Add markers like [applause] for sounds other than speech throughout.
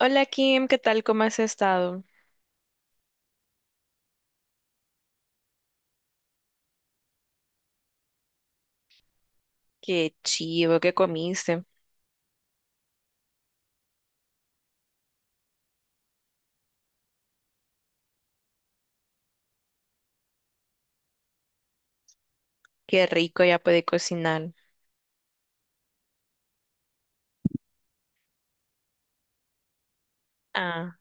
Hola Kim, ¿qué tal? ¿Cómo has estado? Qué chivo, qué comiste. Qué rico, ya puede cocinar. Ah,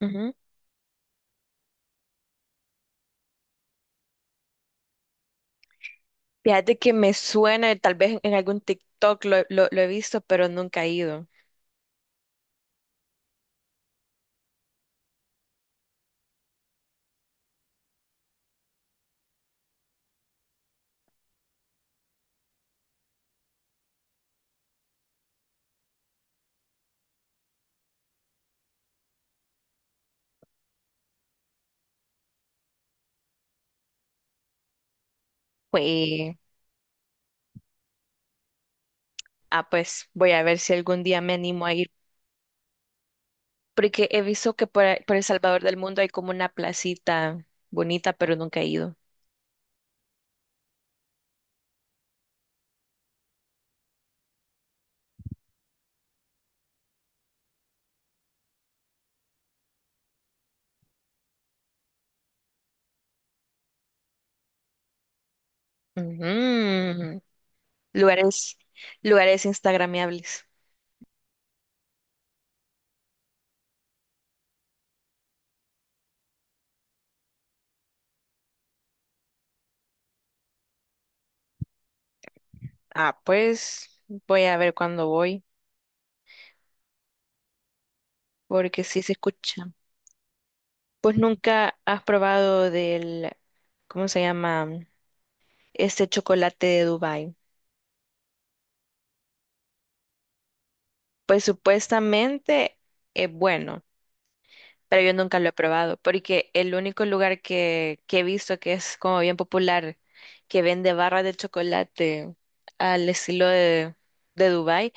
ujú. Fíjate que me suena, tal vez en algún TikTok lo he visto, pero nunca he ido. Pues, ah, pues voy a ver si algún día me animo a ir, porque he visto que por El Salvador del Mundo hay como una placita bonita, pero nunca he ido. Ujú. Lugares, lugares instagramiables. Ah, pues voy a ver cuándo voy, porque sí se escucha. Pues nunca has probado del, ¿cómo se llama? Este chocolate de Dubái. Pues supuestamente es bueno, pero yo nunca lo he probado, porque el único lugar que he visto que es como bien popular, que vende barras de chocolate al estilo de Dubái,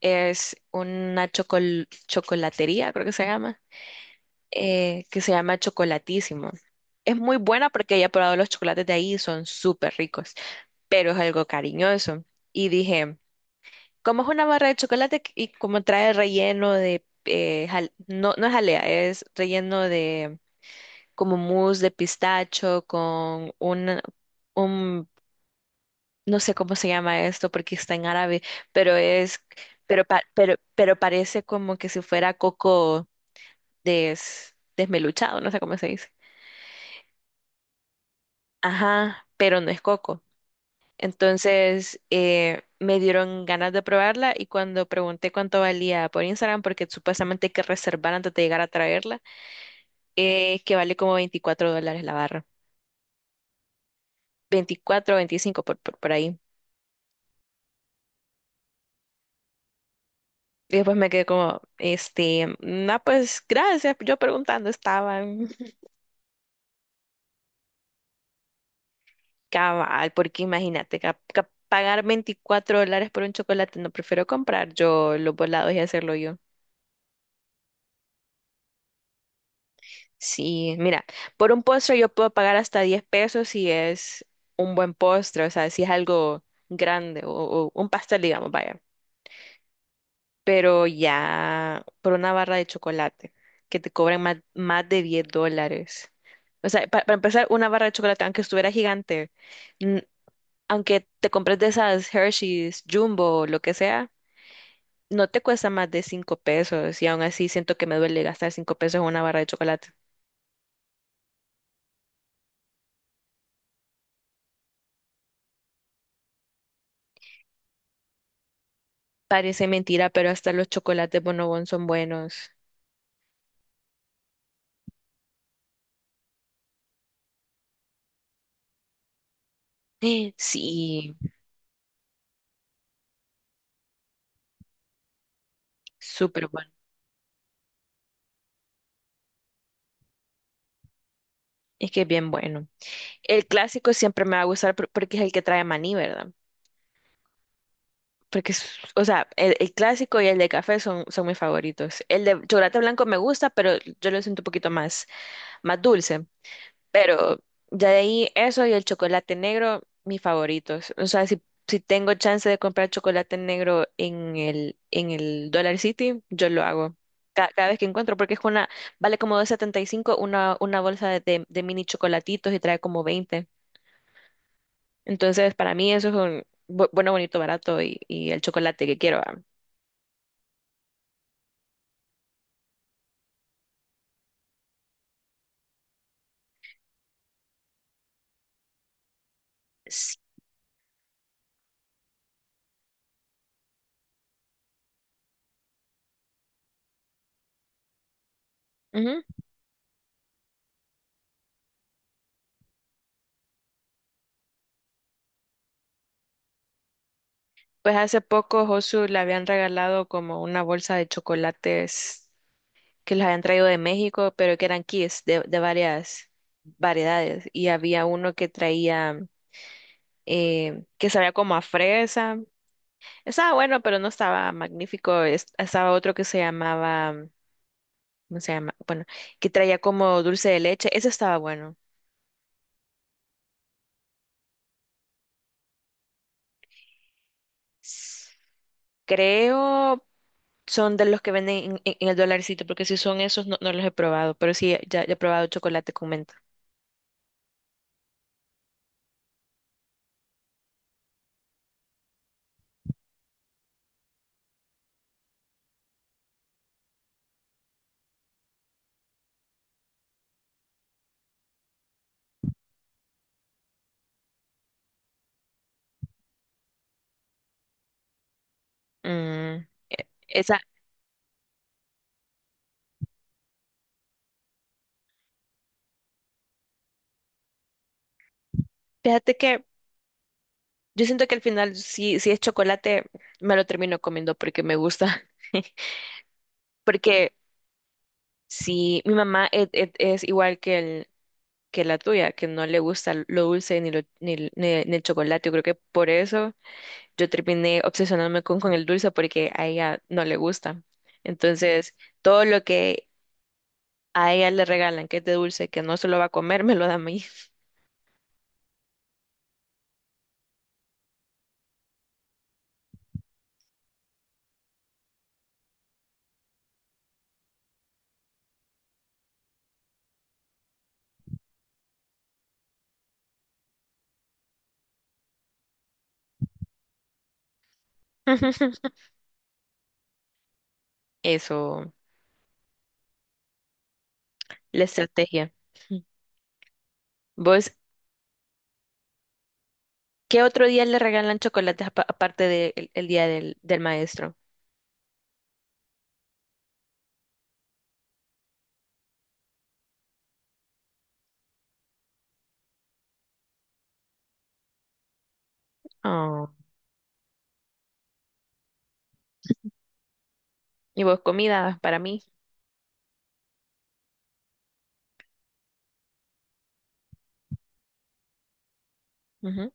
es una chocolatería, creo que se llama Chocolatísimo. Es muy buena porque ya he probado los chocolates de ahí y son súper ricos. Pero es algo cariñoso. Y dije, como es una barra de chocolate y como trae relleno de, no, no es jalea, es relleno de como mousse de pistacho con un, no sé cómo se llama esto porque está en árabe, pero es, pero parece como que si fuera coco desmeluchado, no sé cómo se dice. Ajá, pero no es coco. Entonces me dieron ganas de probarla y cuando pregunté cuánto valía por Instagram, porque supuestamente hay que reservar antes de llegar a traerla, que vale como 24 dólares la barra. Veinticuatro o 25 por ahí. Y después me quedé como, este, no, pues gracias, yo preguntando estaba [laughs] cabal, porque imagínate, pagar 24 dólares por un chocolate, no prefiero comprar yo los volados y hacerlo yo. Sí, mira, por un postre yo puedo pagar hasta 10 pesos si es un buen postre, o sea, si es algo grande o un pastel, digamos, vaya. Pero ya por una barra de chocolate que te cobran más, más de 10 dólares. O sea, para empezar, una barra de chocolate, aunque estuviera gigante, n- aunque te compres de esas Hershey's, Jumbo, lo que sea, no te cuesta más de 5 pesos y aún así siento que me duele gastar 5 pesos en una barra de chocolate. Parece mentira, pero hasta los chocolates Bonobón son buenos. [gasps] Sí, súper bueno. Es que es bien bueno. El clásico siempre me va a gustar porque es el que trae maní, ¿verdad? Porque, o sea, el clásico y el de café son, son mis favoritos. El de chocolate blanco me gusta, pero yo lo siento un poquito más, más dulce. Pero ya de ahí eso y el chocolate negro, mis favoritos. O sea, si, si tengo chance de comprar chocolate negro en el Dollar City, yo lo hago. Cada vez que encuentro, porque es una, vale como 2.75 una bolsa de mini chocolatitos y trae como 20. Entonces, para mí eso es un bueno, bonito, barato y el chocolate que quiero. Ah. Sí. Ujú. Pues hace poco Josu le habían regalado como una bolsa de chocolates que los habían traído de México, pero que eran kits de varias variedades. Y había uno que traía, que sabía como a fresa. Estaba bueno, pero no estaba magnífico. Estaba otro que se llamaba, ¿cómo se llama? Bueno, que traía como dulce de leche. Ese estaba bueno. S- Creo son de los que venden en, en el dolarcito, porque si son esos no, no los he probado, pero sí, ya he probado chocolate con menta. Mm, esa, fíjate que yo siento que al final, si, si es chocolate, me lo termino comiendo porque me gusta. [laughs] Porque si mi mamá es, es igual que, el, que la tuya, que no le gusta lo dulce ni, ni el chocolate, yo creo que por eso yo terminé obsesionándome con el dulce porque a ella no le gusta. Entonces, todo lo que a ella le regalan que es de dulce, que no se lo va a comer, me lo da a mí. [laughs] Eso, la estrategia. ¿Vos ¿qué otro día le regalan chocolates aparte del el día del, del maestro? Oh, y vos comida para mí. Ujú.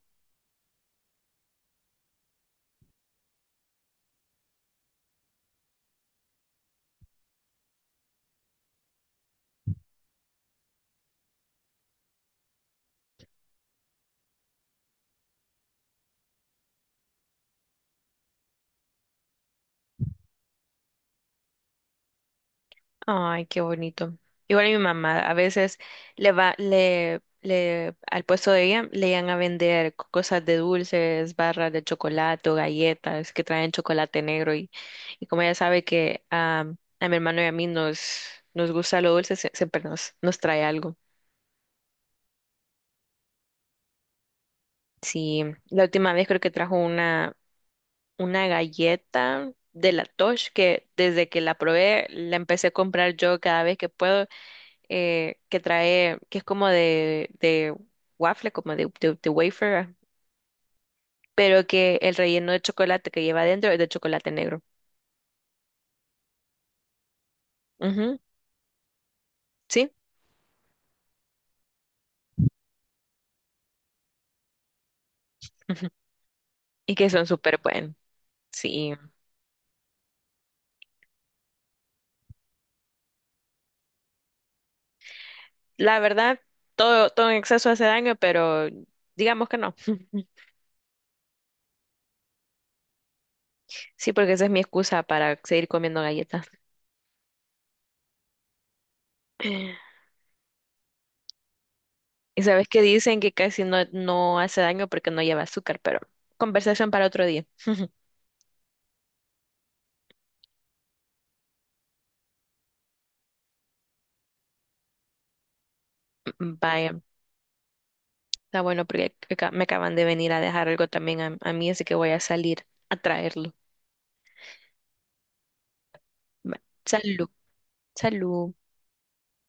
Ay, qué bonito. Igual mi mamá, a veces le, al puesto de ella le iban a vender cosas de dulces, barras de chocolate, o galletas que traen chocolate negro y como ella sabe que ah, a mi hermano y a mí nos, nos gusta lo dulce, siempre nos, nos trae algo. Sí, la última vez creo que trajo una galleta de la Tosh que desde que la probé la empecé a comprar yo cada vez que puedo, que trae, que es como de waffle, como de wafer, ah, pero que el relleno de chocolate que lleva adentro es de chocolate negro. Ujú, sí, ujú, y que son súper buenos. Sí, la verdad, todo en exceso hace daño, pero digamos que no. [laughs] Sí, porque esa es mi excusa para seguir comiendo galletas. [laughs] Y sabes que dicen que casi no hace daño porque no lleva azúcar, pero conversación para otro día. Mm, vaya, está bueno porque me acaban de venir a dejar algo también a mí, así que voy a salir a traerlo. Va, salud, salud.